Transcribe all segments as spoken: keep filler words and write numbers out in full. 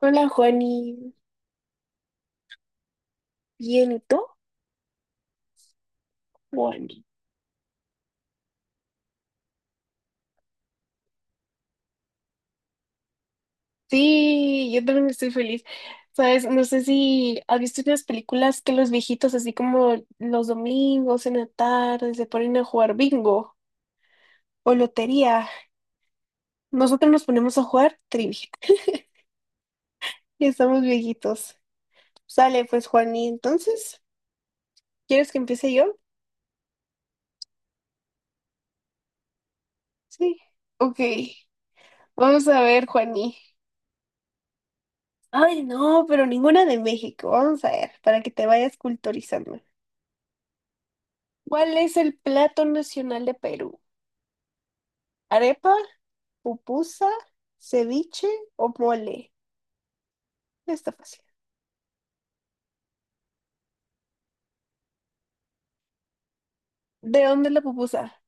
Hola, Juani. Bien, ¿y tú? Juani. Sí, yo también estoy feliz. Sabes, no sé si has visto unas películas que los viejitos, así como los domingos en la tarde, se ponen a jugar bingo o lotería. Nosotros nos ponemos a jugar trivia. Ya estamos viejitos. Sale, pues, Juani. Entonces, ¿quieres que empiece yo? Sí. Ok. Vamos a ver, Juani. Ay, no, pero ninguna de México. Vamos a ver, para que te vayas culturizando. ¿Cuál es el plato nacional de Perú? ¿Arepa, pupusa, ceviche o mole? Está fácil. ¿De dónde es la pupusa?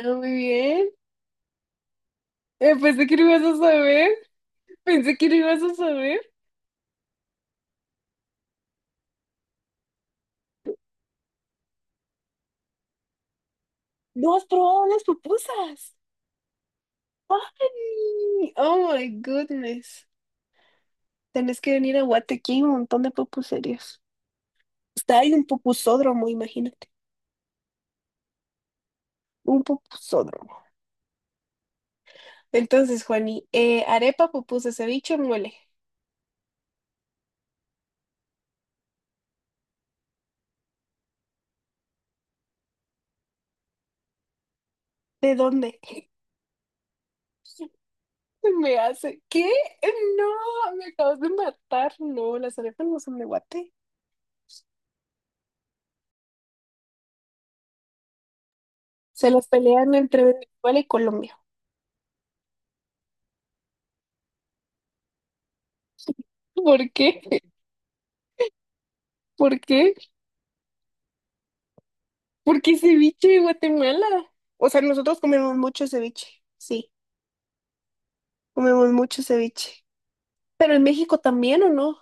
Ah, muy bien. Eh, pensé que lo ibas a saber. Pensé que lo ibas a saber. ¿No has probado las pupusas? ¡Ay! Oh my goodness. Tenés que venir a Guate, aquí hay un montón de pupuserías. Está ahí un pupusódromo, imagínate. Un pupusódromo. Entonces, Juani, eh, arepa, pupusa, ceviche, mole. ¿De dónde? Me hace, ¿qué? No, me acabas de matar. No, las arepas no son de Guate. Se las pelean entre Venezuela y Colombia. ¿Por qué? ¿Por qué? ¿Por qué ceviche de Guatemala? O sea, nosotros comemos mucho ceviche. Sí, comemos mucho ceviche. Pero en México también, ¿o no?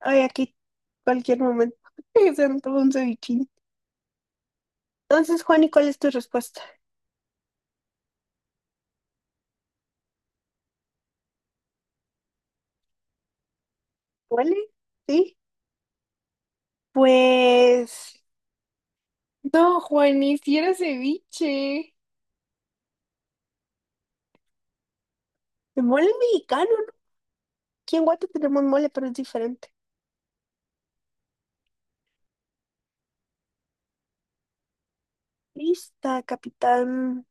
Ay, aquí, cualquier momento. Se antoja un cevichín. Entonces, Juani, ¿cuál es tu respuesta? ¿Huele? ¿Sí? Pues... No, Juani, si era ceviche. De mole mexicano. Aquí en Guate tenemos mole, pero es diferente. Lista, capitán.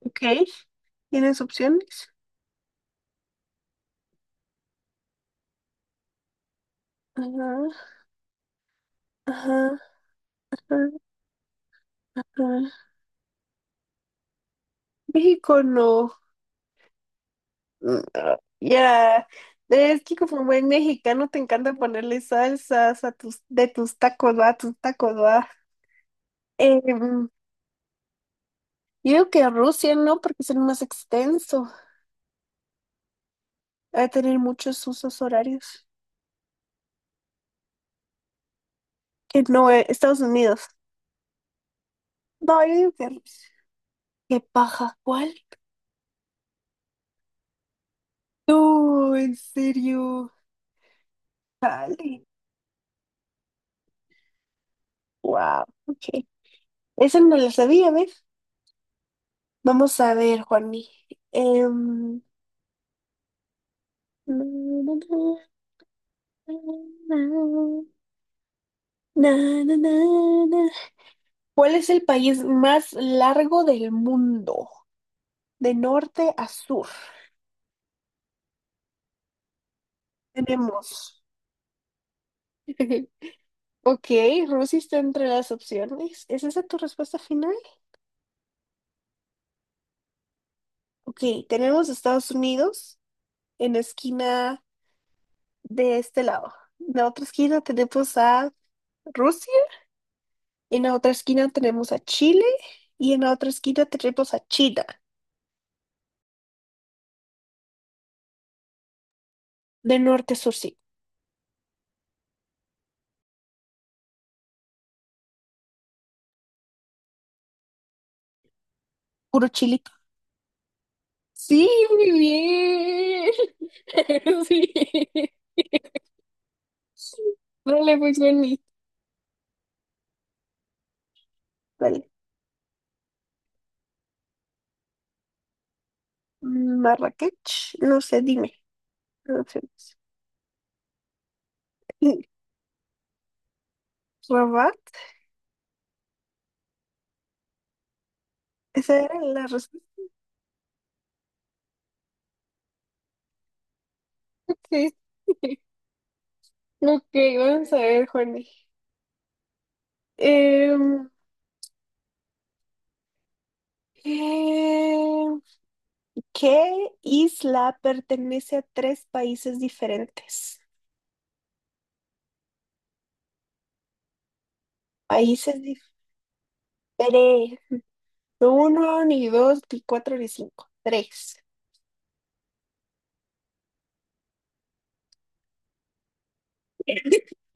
Ok. ¿Tienes opciones? Ajá, ajá, ajá, ajá. México no. Mm, ah, ya. Es que como buen mexicano te encanta ponerle salsas a tus, de tus tacos, va, a tus tacos, va. Em, yo digo que Rusia no, porque es el más extenso. Va a tener muchos usos horarios. Que no, eh, Estados Unidos. No, yo digo que Rusia. Qué paja, ¿cuál? No, en serio. Dale. Wow. Ok. Esa no la sabía, ¿ves? Vamos a ver, Juani. Em, na, na, na, na, na, na, na. ¿Cuál es el país más largo del mundo? De norte a sur. Tenemos. Ok, Rusia está entre las opciones. ¿Es esa tu respuesta final? Ok, tenemos Estados Unidos en la esquina de este lado. En la otra esquina tenemos a Rusia, en la otra esquina tenemos a Chile y en la otra esquina tenemos a China. De norte a sur, sí. Puro chilito. Sí, muy bien. Sí. Vale, pues vení. Vale. Marrakech, no sé, dime. No sé. Sí. Rabat, esa era la respuesta. Sí. Ok, vamos a ver, Juani. Em, em, ¿qué isla pertenece a tres países diferentes? Países diferentes. Uno, ni dos, ni cuatro, ni cinco. Tres.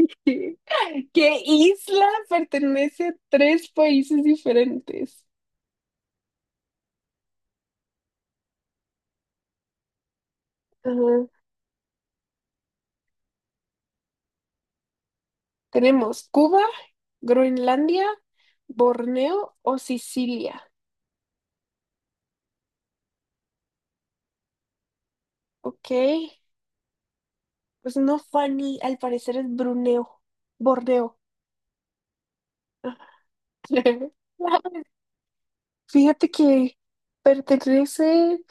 ¿Qué isla pertenece a tres países diferentes? Ajá. Tenemos Cuba, Groenlandia, Borneo o Sicilia. Ok. Pues no, Fanny, al parecer es Bruneo. Borneo. Fíjate que pertenece.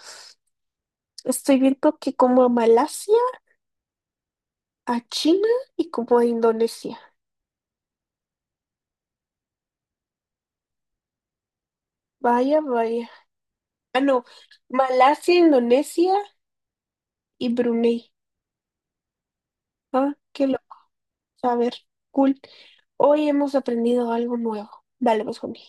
Estoy viendo que como a Malasia, a China y como a Indonesia. Vaya, vaya. Ah, no. Malasia, Indonesia y Brunei. Ah, qué lo. A ver, cool. Hoy hemos aprendido algo nuevo. Dale, vamos conmigo.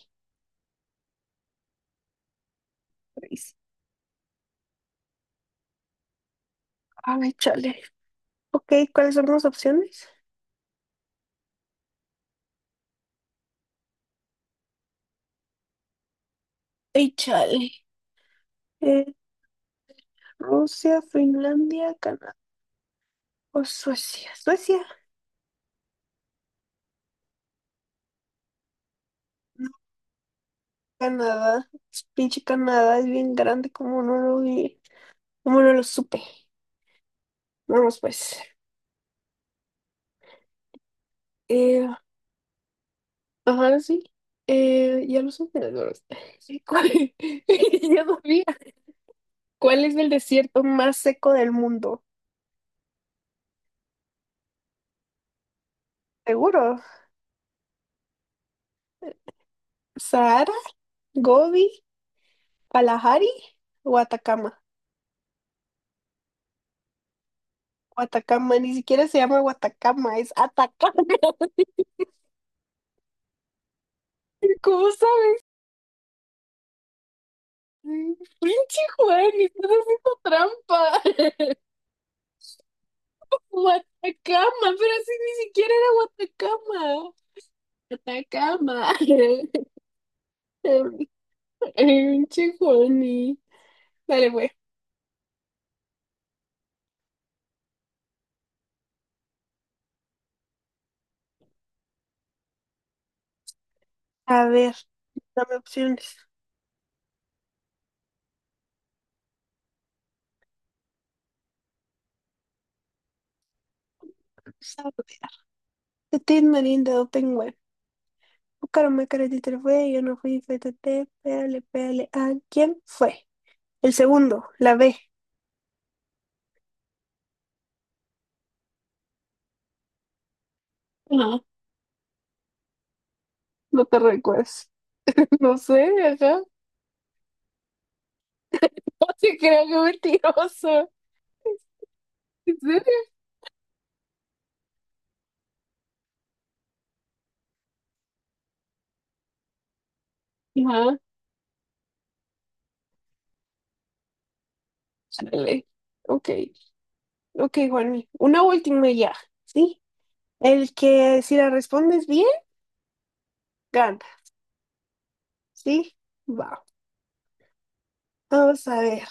Ay, chale. Ok, ¿cuáles son las opciones? Ay, chale. Eh, Rusia, Finlandia, Canadá o Suecia. Suecia. No, Canadá. Pinche Canadá es bien grande, como no lo vi. Como no lo supe. Vamos, pues. Eh, ajá, sí. Eh, ya los emprendedores. Sí, ¿cuál? Ya sabía. ¿Cuál es el desierto más seco del mundo? Seguro. ¿Sahara, Gobi, Kalahari o Atacama? O Atacama, ni siquiera se llama Guatacama, es Atacama. ¿Cómo sabes? Mm, pinche Juan, estás haciendo trampa. Guatacama, pero si ni siquiera era Guatacama. Atacama. Pinche Juani. Dale, pues. A ver, dame opciones. Saborear. Petit Melinda Open Web. Buscaronme caretita fue, yo no fui, fétate, pégale, pégale. ¿A quién fue? El segundo, la B. No, no te recuerdas. No sé, ajá. No te creo que mentiroso. ¿En serio? Ajá. Dale. Ok, ok, Juanmi. Una última ya, ¿sí? El que si la respondes bien, gana, ¿sí? Va. Vamos a ver.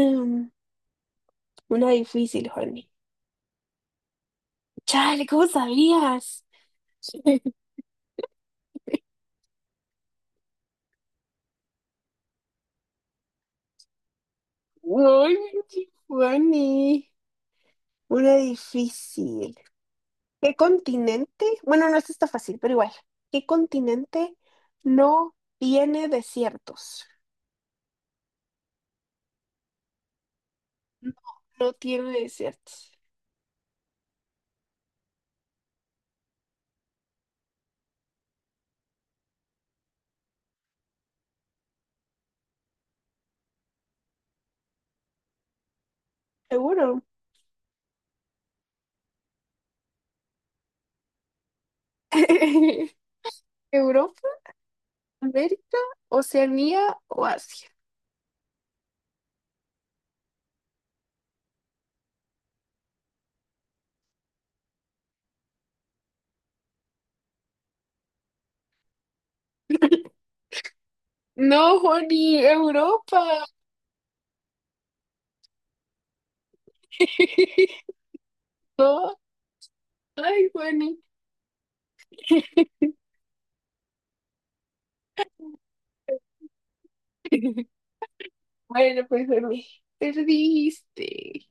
Em, una difícil, Juanmi. Chale, ¿cómo sabías? Uy, Giovanni, una difícil. ¿Qué continente? Bueno, no esta está fácil, pero igual. ¿Qué continente no tiene desiertos? No, no tiene desiertos. Seguro. ¿Europa, América, Oceanía o Asia? No, Juani, Europa. No, ay, Juani. Bueno, pues, Juani, perdiste.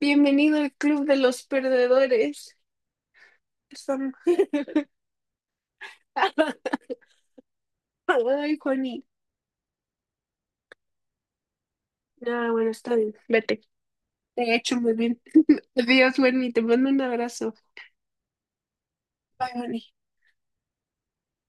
Bienvenido al Club de los Perdedores. Son- Ay, Juani. Ah, bueno, está bien. Vete. Te he hecho muy bien. Adiós, Wendy. Te mando un abrazo. Bye, Juani.